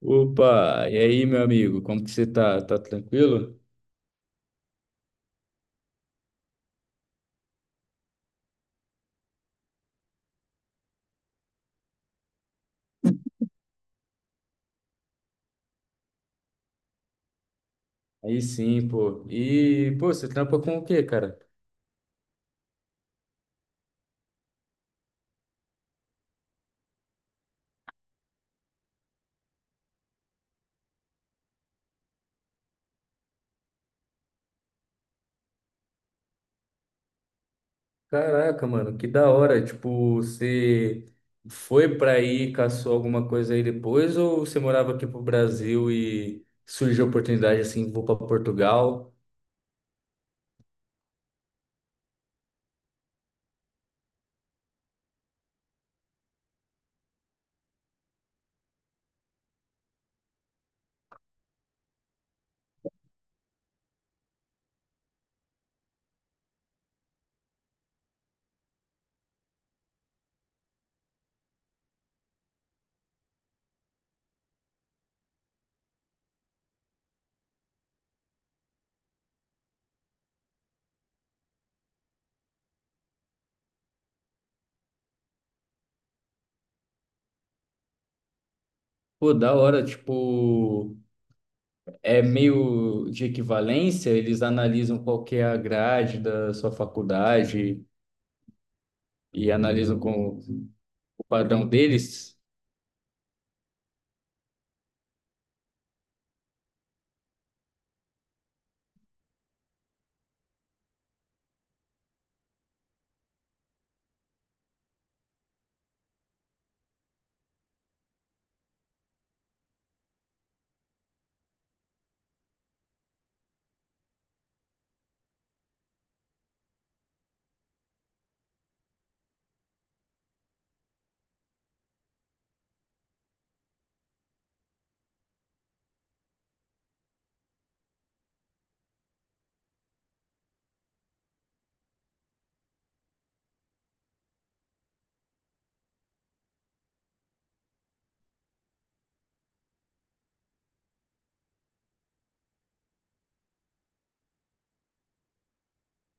Opa, e aí, meu amigo, como que você tá? Tá tranquilo? Aí sim, pô. E, pô, você trampa com o quê, cara? Caraca, mano, que da hora. Tipo, você foi pra aí, caçou alguma coisa aí depois, ou você morava aqui pro Brasil e surgiu a oportunidade assim, vou pra Portugal? Pô, da hora, tipo, é meio de equivalência, eles analisam qual que é a grade da sua faculdade e analisam com o padrão deles.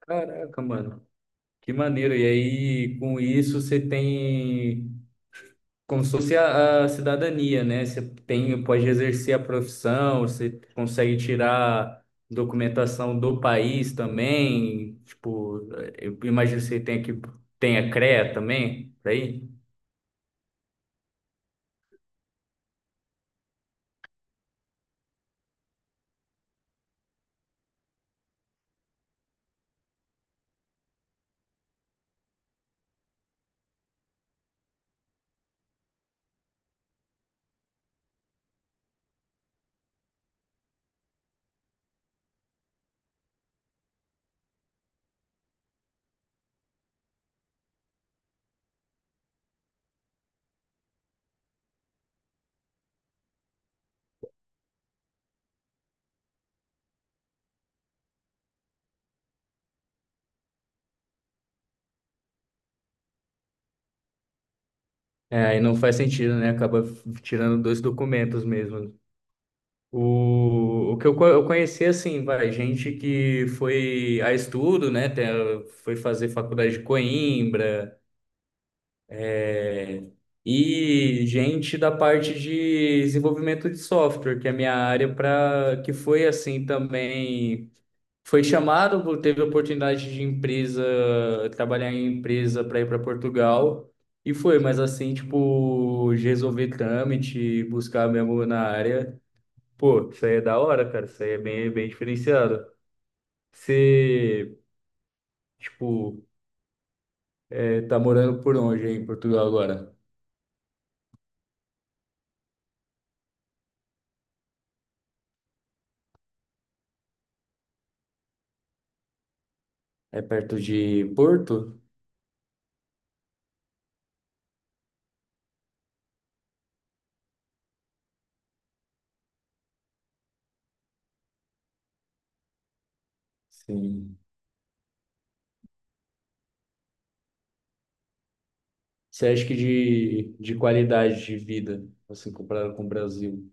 Caraca, mano, que maneiro. E aí, com isso, você tem como se fosse a cidadania, né? Você tem, pode exercer a profissão, você consegue tirar documentação do país também. Tipo, eu imagino que você tem que tenha CREA também, por aí. É, aí não faz sentido, né? Acaba tirando dois documentos mesmo. O que eu, eu conheci, assim, vai, gente que foi a estudo, né? Foi fazer faculdade de Coimbra, é, e gente da parte de desenvolvimento de software, que é a minha área, para que foi assim também. Foi chamado, teve oportunidade de empresa, trabalhar em empresa para ir para Portugal, e foi, mas assim, tipo, de resolver trâmite, buscar mesmo na área. Pô, isso aí é da hora, cara. Isso aí é bem, bem diferenciado. Você, tipo, é, tá morando por onde aí em Portugal agora? É perto de Porto? Sim. Você acha que de qualidade de vida, assim, comparado com o Brasil?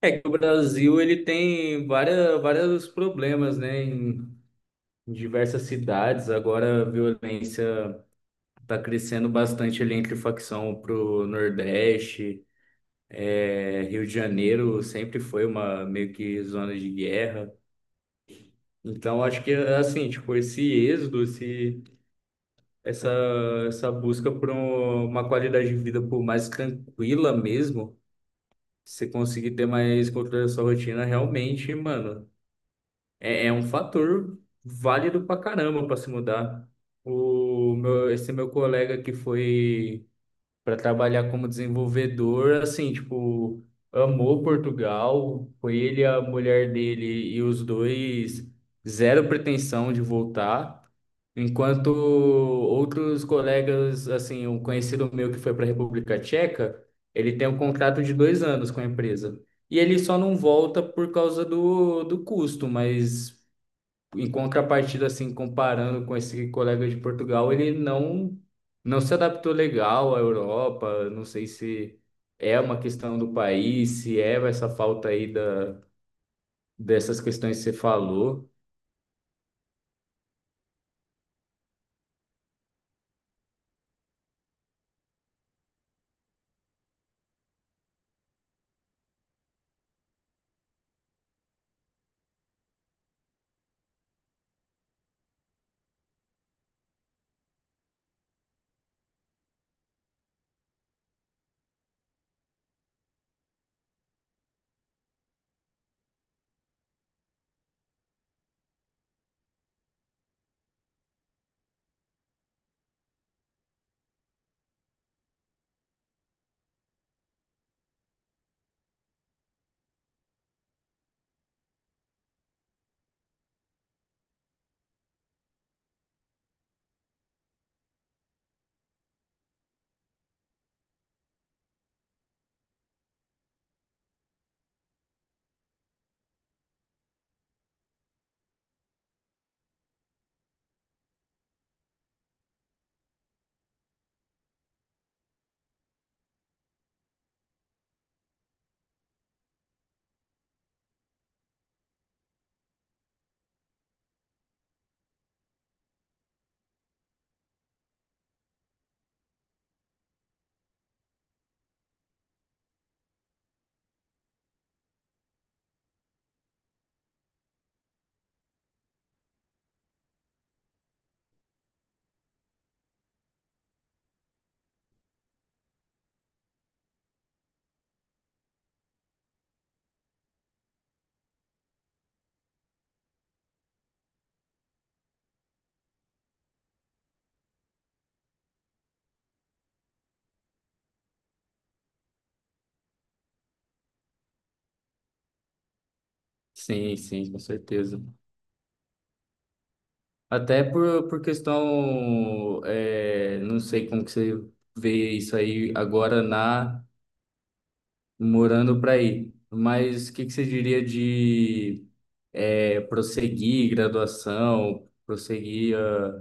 É que o Brasil ele tem várias, vários problemas, né? Em diversas cidades. Agora a violência tá crescendo bastante ali entre facção pro Nordeste. É, Rio de Janeiro sempre foi uma meio que zona de guerra. Então acho que assim, tipo, esse êxodo, esse, essa, essa busca por uma qualidade de vida por mais tranquila mesmo, você conseguir ter mais controle da sua rotina, realmente, mano, é, é um fator válido pra caramba pra se mudar. O meu, esse meu colega que foi para trabalhar como desenvolvedor, assim, tipo, amou Portugal, foi ele, a mulher dele e os dois, zero pretensão de voltar. Enquanto outros colegas, assim, um conhecido meu que foi para a República Tcheca, ele tem um contrato de dois anos com a empresa. E ele só não volta por causa do custo, mas em contrapartida, assim, comparando com esse colega de Portugal, ele não se adaptou legal à Europa. Não sei se é uma questão do país, se é essa falta aí da, dessas questões que você falou. Sim, sim, com certeza. Até por questão, é, não sei como que você vê isso aí agora na morando para aí, mas o que que você diria de é, prosseguir graduação, prosseguir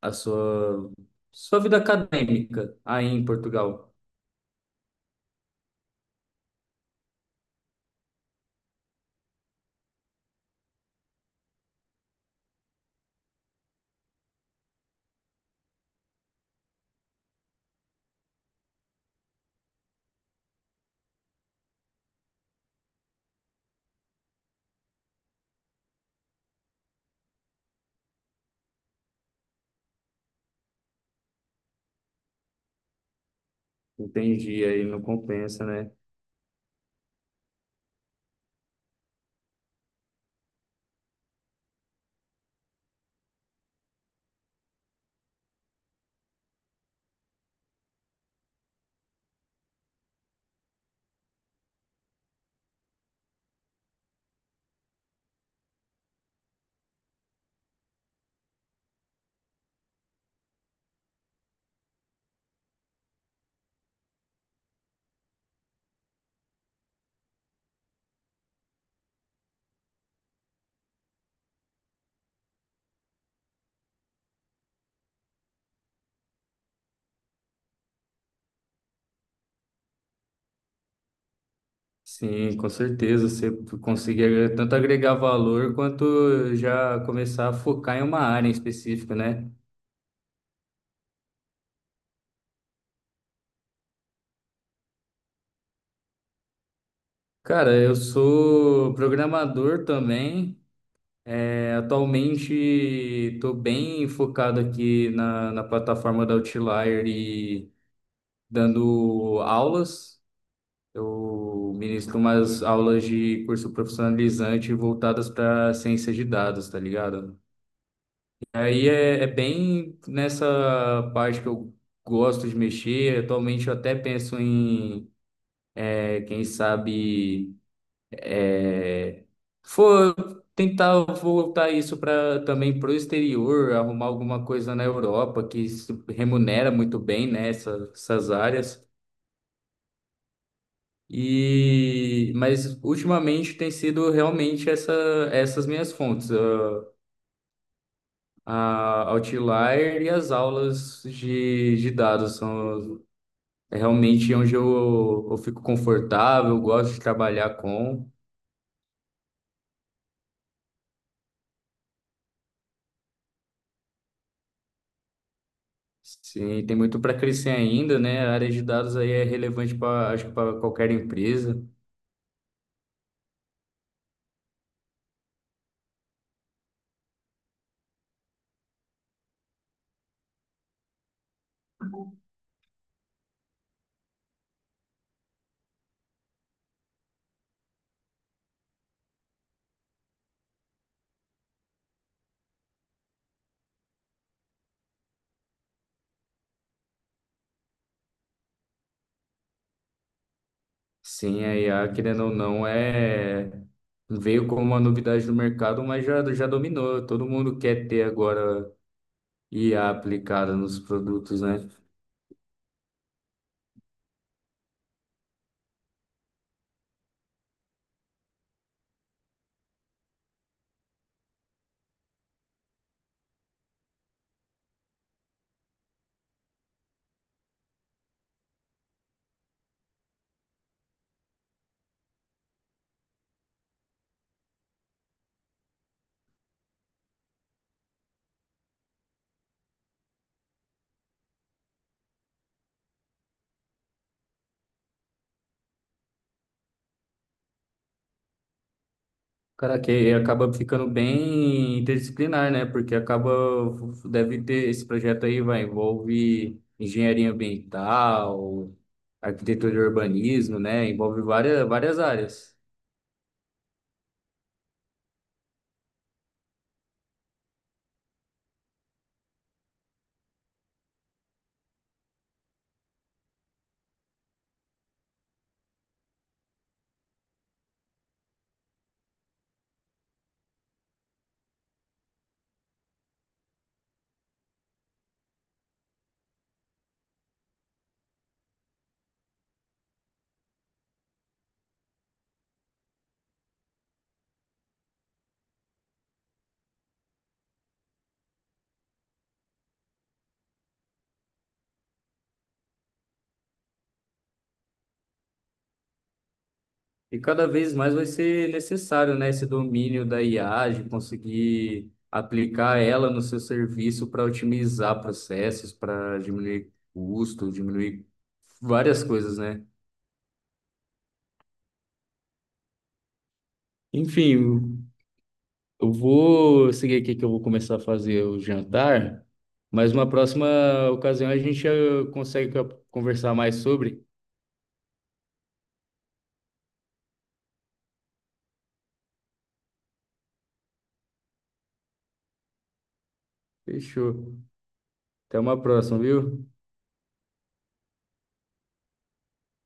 a sua, sua vida acadêmica aí em Portugal? Entendi, aí não compensa, né? Sim, com certeza. Você conseguir tanto agregar valor quanto já começar a focar em uma área em específico, né? Cara, eu sou programador também. É, atualmente estou bem focado aqui na plataforma da Outlier e dando aulas. Eu ministro umas aulas de curso profissionalizante voltadas para ciência de dados, tá ligado? E aí é, é bem nessa parte que eu gosto de mexer. Atualmente eu até penso em, é, quem sabe é, for tentar voltar isso para também para o exterior, arrumar alguma coisa na Europa que se remunera muito bem, né, essas áreas. E mas ultimamente tem sido realmente essa, essas minhas fontes, a Outlier e as aulas de dados são é realmente onde eu fico confortável, gosto de trabalhar com. Sim, tem muito para crescer ainda, né? A área de dados aí é relevante para, acho que para qualquer empresa. Sim, a IA, querendo ou não, é veio como uma novidade no mercado, mas já, já dominou. Todo mundo quer ter agora IA aplicada nos produtos, né? Cara, que acaba ficando bem interdisciplinar, né? Porque acaba, deve ter, esse projeto aí vai envolve engenharia ambiental, arquitetura e urbanismo, né? Envolve várias, várias áreas. E cada vez mais vai ser necessário, né, esse domínio da IA, de conseguir aplicar ela no seu serviço para otimizar processos, para diminuir custo, diminuir várias coisas, né? Enfim, eu vou seguir aqui que eu vou começar a fazer o jantar, mas uma próxima ocasião a gente consegue conversar mais sobre. Fechou. Até uma próxima, viu?